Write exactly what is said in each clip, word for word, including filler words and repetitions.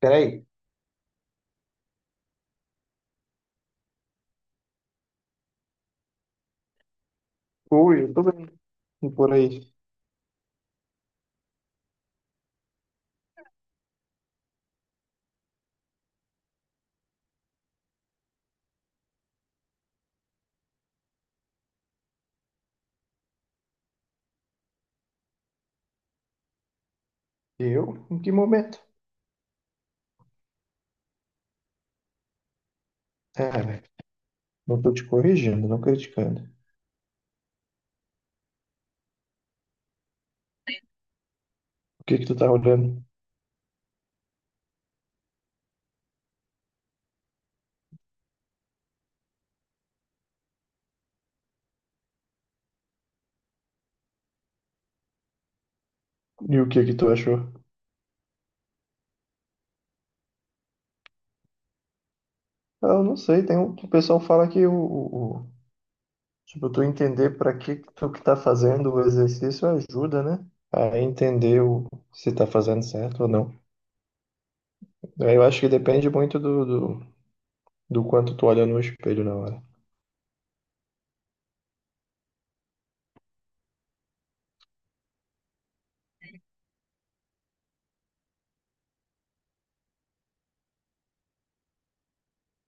Peraí, o YouTube e por aí. Eu? Em que momento? Ah, velho, não tô te corrigindo, não criticando. O que que tu tá olhando? E o que que tu achou? Ah, eu não sei, tem um, o pessoal fala que o, o- o- tipo, tu entender pra que que tu que tá fazendo o exercício ajuda, né? A entender o, se tá fazendo certo ou não. Aí eu acho que depende muito do, do, do quanto tu olha no espelho na hora.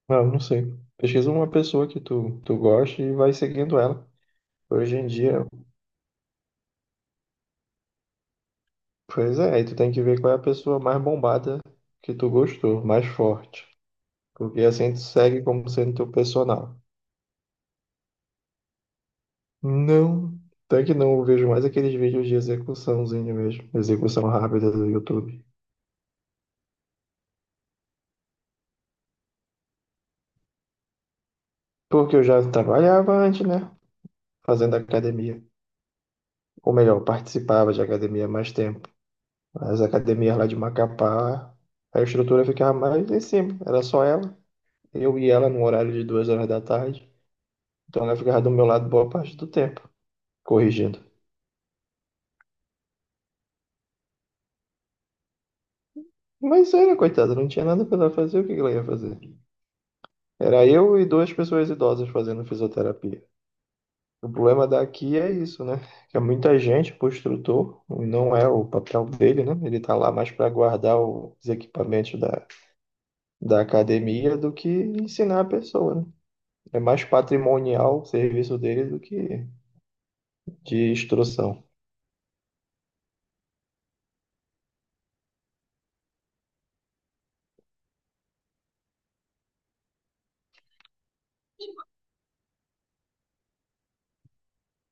Não, não sei. Pesquisa uma pessoa que tu, tu gosta e vai seguindo ela. Hoje em dia, pois é, aí tu tem que ver qual é a pessoa mais bombada que tu gostou, mais forte. Porque assim tu segue como sendo teu personal. Não, até que não, eu vejo mais aqueles vídeos de execuçãozinho mesmo, execução rápida do YouTube. Porque eu já trabalhava antes, né? Fazendo academia. Ou melhor, participava de academia há mais tempo. As academias lá de Macapá, a estrutura ficava mais em cima, era só ela. Eu e ela no horário de duas horas da tarde. Então ela ficava do meu lado boa parte do tempo, corrigindo. Mas era, coitada, não tinha nada pra ela fazer, o que que ela ia fazer? Era eu e duas pessoas idosas fazendo fisioterapia. O problema daqui é isso, né? Que é muita gente pro instrutor, e não é o papel dele, né? Ele tá lá mais pra guardar os equipamentos da, da academia do que ensinar a pessoa, né? É mais patrimonial o serviço dele do que de instrução.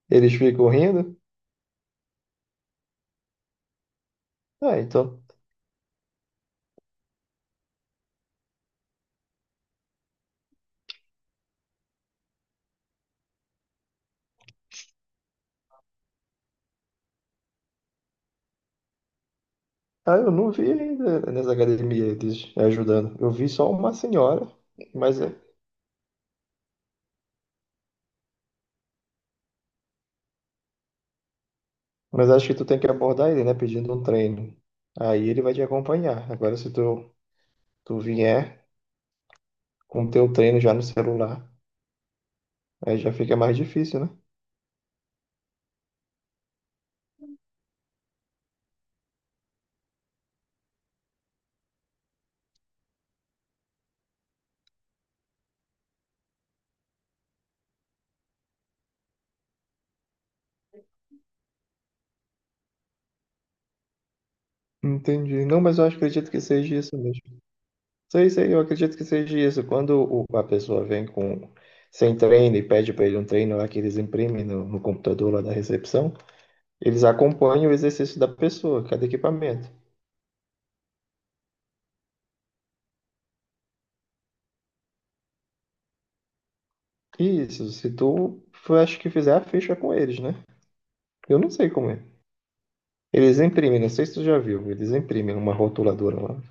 Eles ficam rindo? Ah, então. Ah, eu não vi ainda nessa academia eles ajudando. Eu vi só uma senhora. Mas é- Mas acho que tu tem que abordar ele, né? Pedindo um treino. Aí ele vai te acompanhar. Agora, se tu, tu vier com o teu treino já no celular, aí já fica mais difícil, né? Entendi. Não, mas eu acho- acredito que seja isso mesmo. Sei, sei, eu acredito que seja isso. Quando o- a pessoa vem com sem treino e pede para ele um treino lá que eles imprimem no, no computador lá da recepção, eles acompanham o exercício da pessoa, cada equipamento. Isso, se tu, eu acho que fizer a ficha com eles, né? Eu não sei como é. Eles imprimem, não sei se tu já viu, eles imprimem uma rotuladora lá.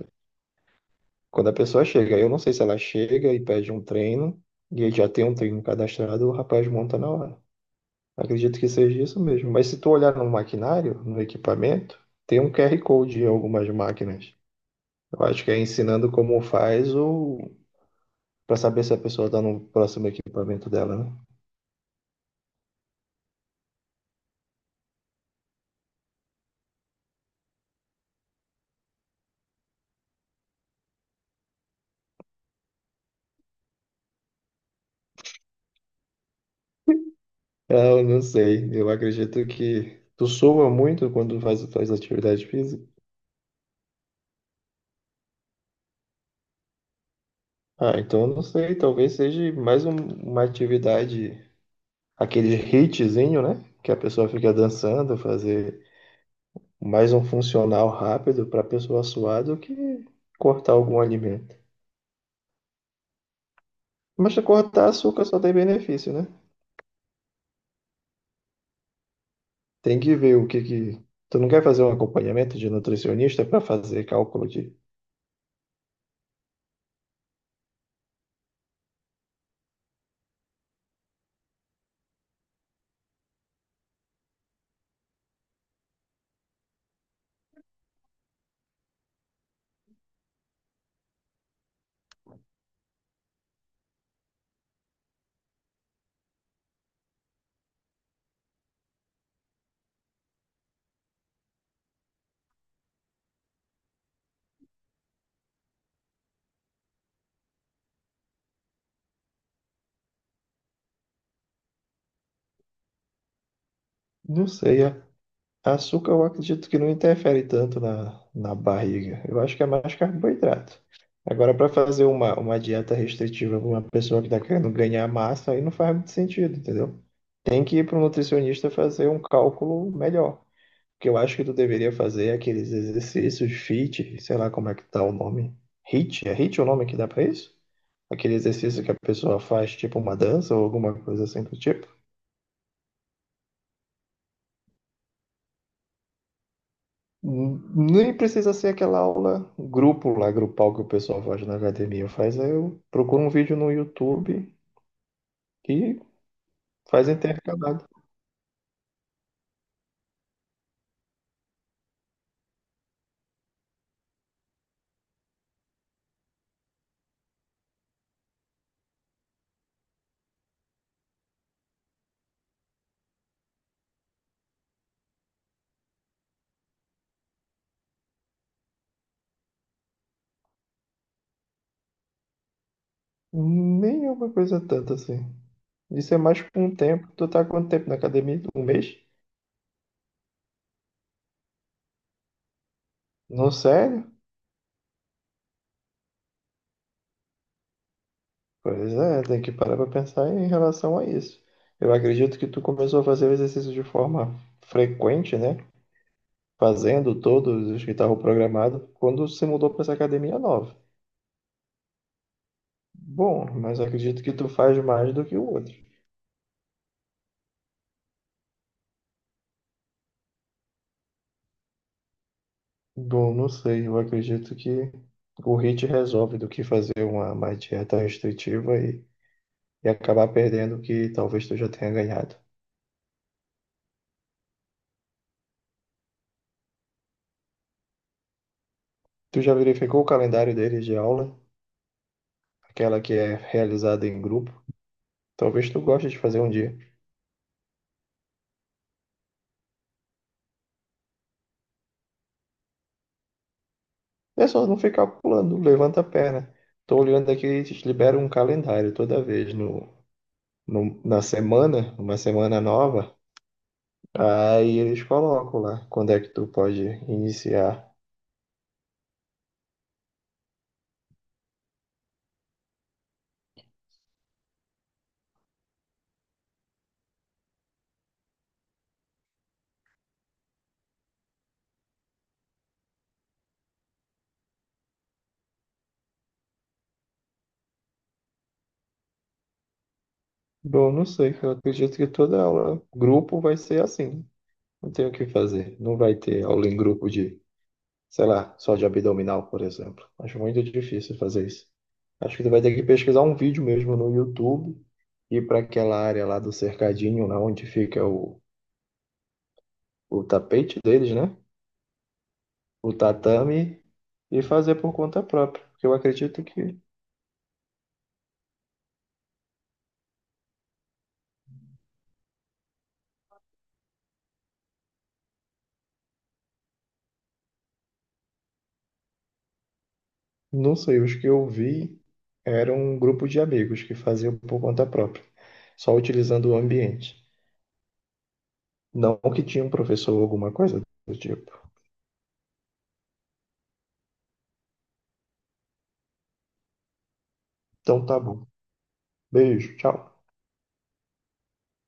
Quando a pessoa chega, eu não sei se ela chega e pede um treino, e aí já tem um treino cadastrado, o rapaz monta na hora. Acredito que seja isso mesmo. Mas se tu olhar no maquinário, no equipamento, tem um Q R Code em algumas máquinas. Eu acho que é ensinando como faz ou para saber se a pessoa está no próximo equipamento dela, né? É, eu não sei. Eu acredito que tu soa muito quando faz as tuas atividades físicas. Ah, então eu não sei, talvez seja mais um- uma atividade, aquele hitzinho, né? Que a pessoa fica dançando, fazer mais um funcional rápido para a pessoa suar do que cortar algum alimento. Mas se cortar açúcar só tem benefício, né? Tem que ver o que que. Tu não quer fazer um acompanhamento de nutricionista para fazer cálculo de. Não sei, é. Açúcar eu acredito que não interfere tanto na, na barriga. Eu acho que é mais carboidrato. Agora, para fazer uma, uma dieta restritiva para uma pessoa que está querendo ganhar massa, aí não faz muito sentido, entendeu? Tem que ir para um nutricionista fazer um cálculo melhor. O que eu acho que tu deveria fazer é aqueles exercícios fit, sei lá como é que tá o nome. H I I T? É H I I T o nome que dá para isso? Aquele exercício que a pessoa faz tipo uma dança ou alguma coisa assim do tipo. Nem precisa ser aquela aula grupo lá, grupal que o pessoal faz na academia. Faz aí, eu procuro um vídeo no YouTube e faz intercalado. Nem é uma coisa tanto assim. Isso é mais com o tempo. Tu tá há quanto tempo na academia? Um mês? Não, sério? Pois é, tem que parar pra pensar em relação a isso. Eu acredito que tu começou a fazer o exercício de forma frequente, né? Fazendo todos os que estavam programados quando se mudou para essa academia nova. Bom, mas eu acredito que tu faz mais do que o outro. Bom, não sei, eu acredito que o hit resolve do que fazer uma, uma dieta restritiva e, e acabar perdendo o que talvez tu já tenha ganhado. Tu já verificou o calendário deles de aula? Aquela que é realizada em grupo? Talvez tu goste de fazer um dia. É só não ficar pulando, levanta a perna. Tô olhando aqui, eles liberam um calendário toda vez no, no- na semana, uma semana nova, aí eles colocam lá quando é que tu pode iniciar. Bom, não sei, cara. Eu acredito que toda aula, grupo vai ser assim. Não tem o que fazer. Não vai ter aula em grupo de, sei lá, só de abdominal, por exemplo. Acho muito difícil fazer isso. Acho que tu vai ter que pesquisar um vídeo mesmo no YouTube, ir para aquela área lá do cercadinho, lá onde fica o, o tapete deles, né? O tatame, e fazer por conta própria. Porque eu acredito que não sei, os que eu vi eram um grupo de amigos que faziam por conta própria, só utilizando o ambiente. Não que tinha um professor ou alguma coisa do tipo. Então tá bom. Beijo, tchau.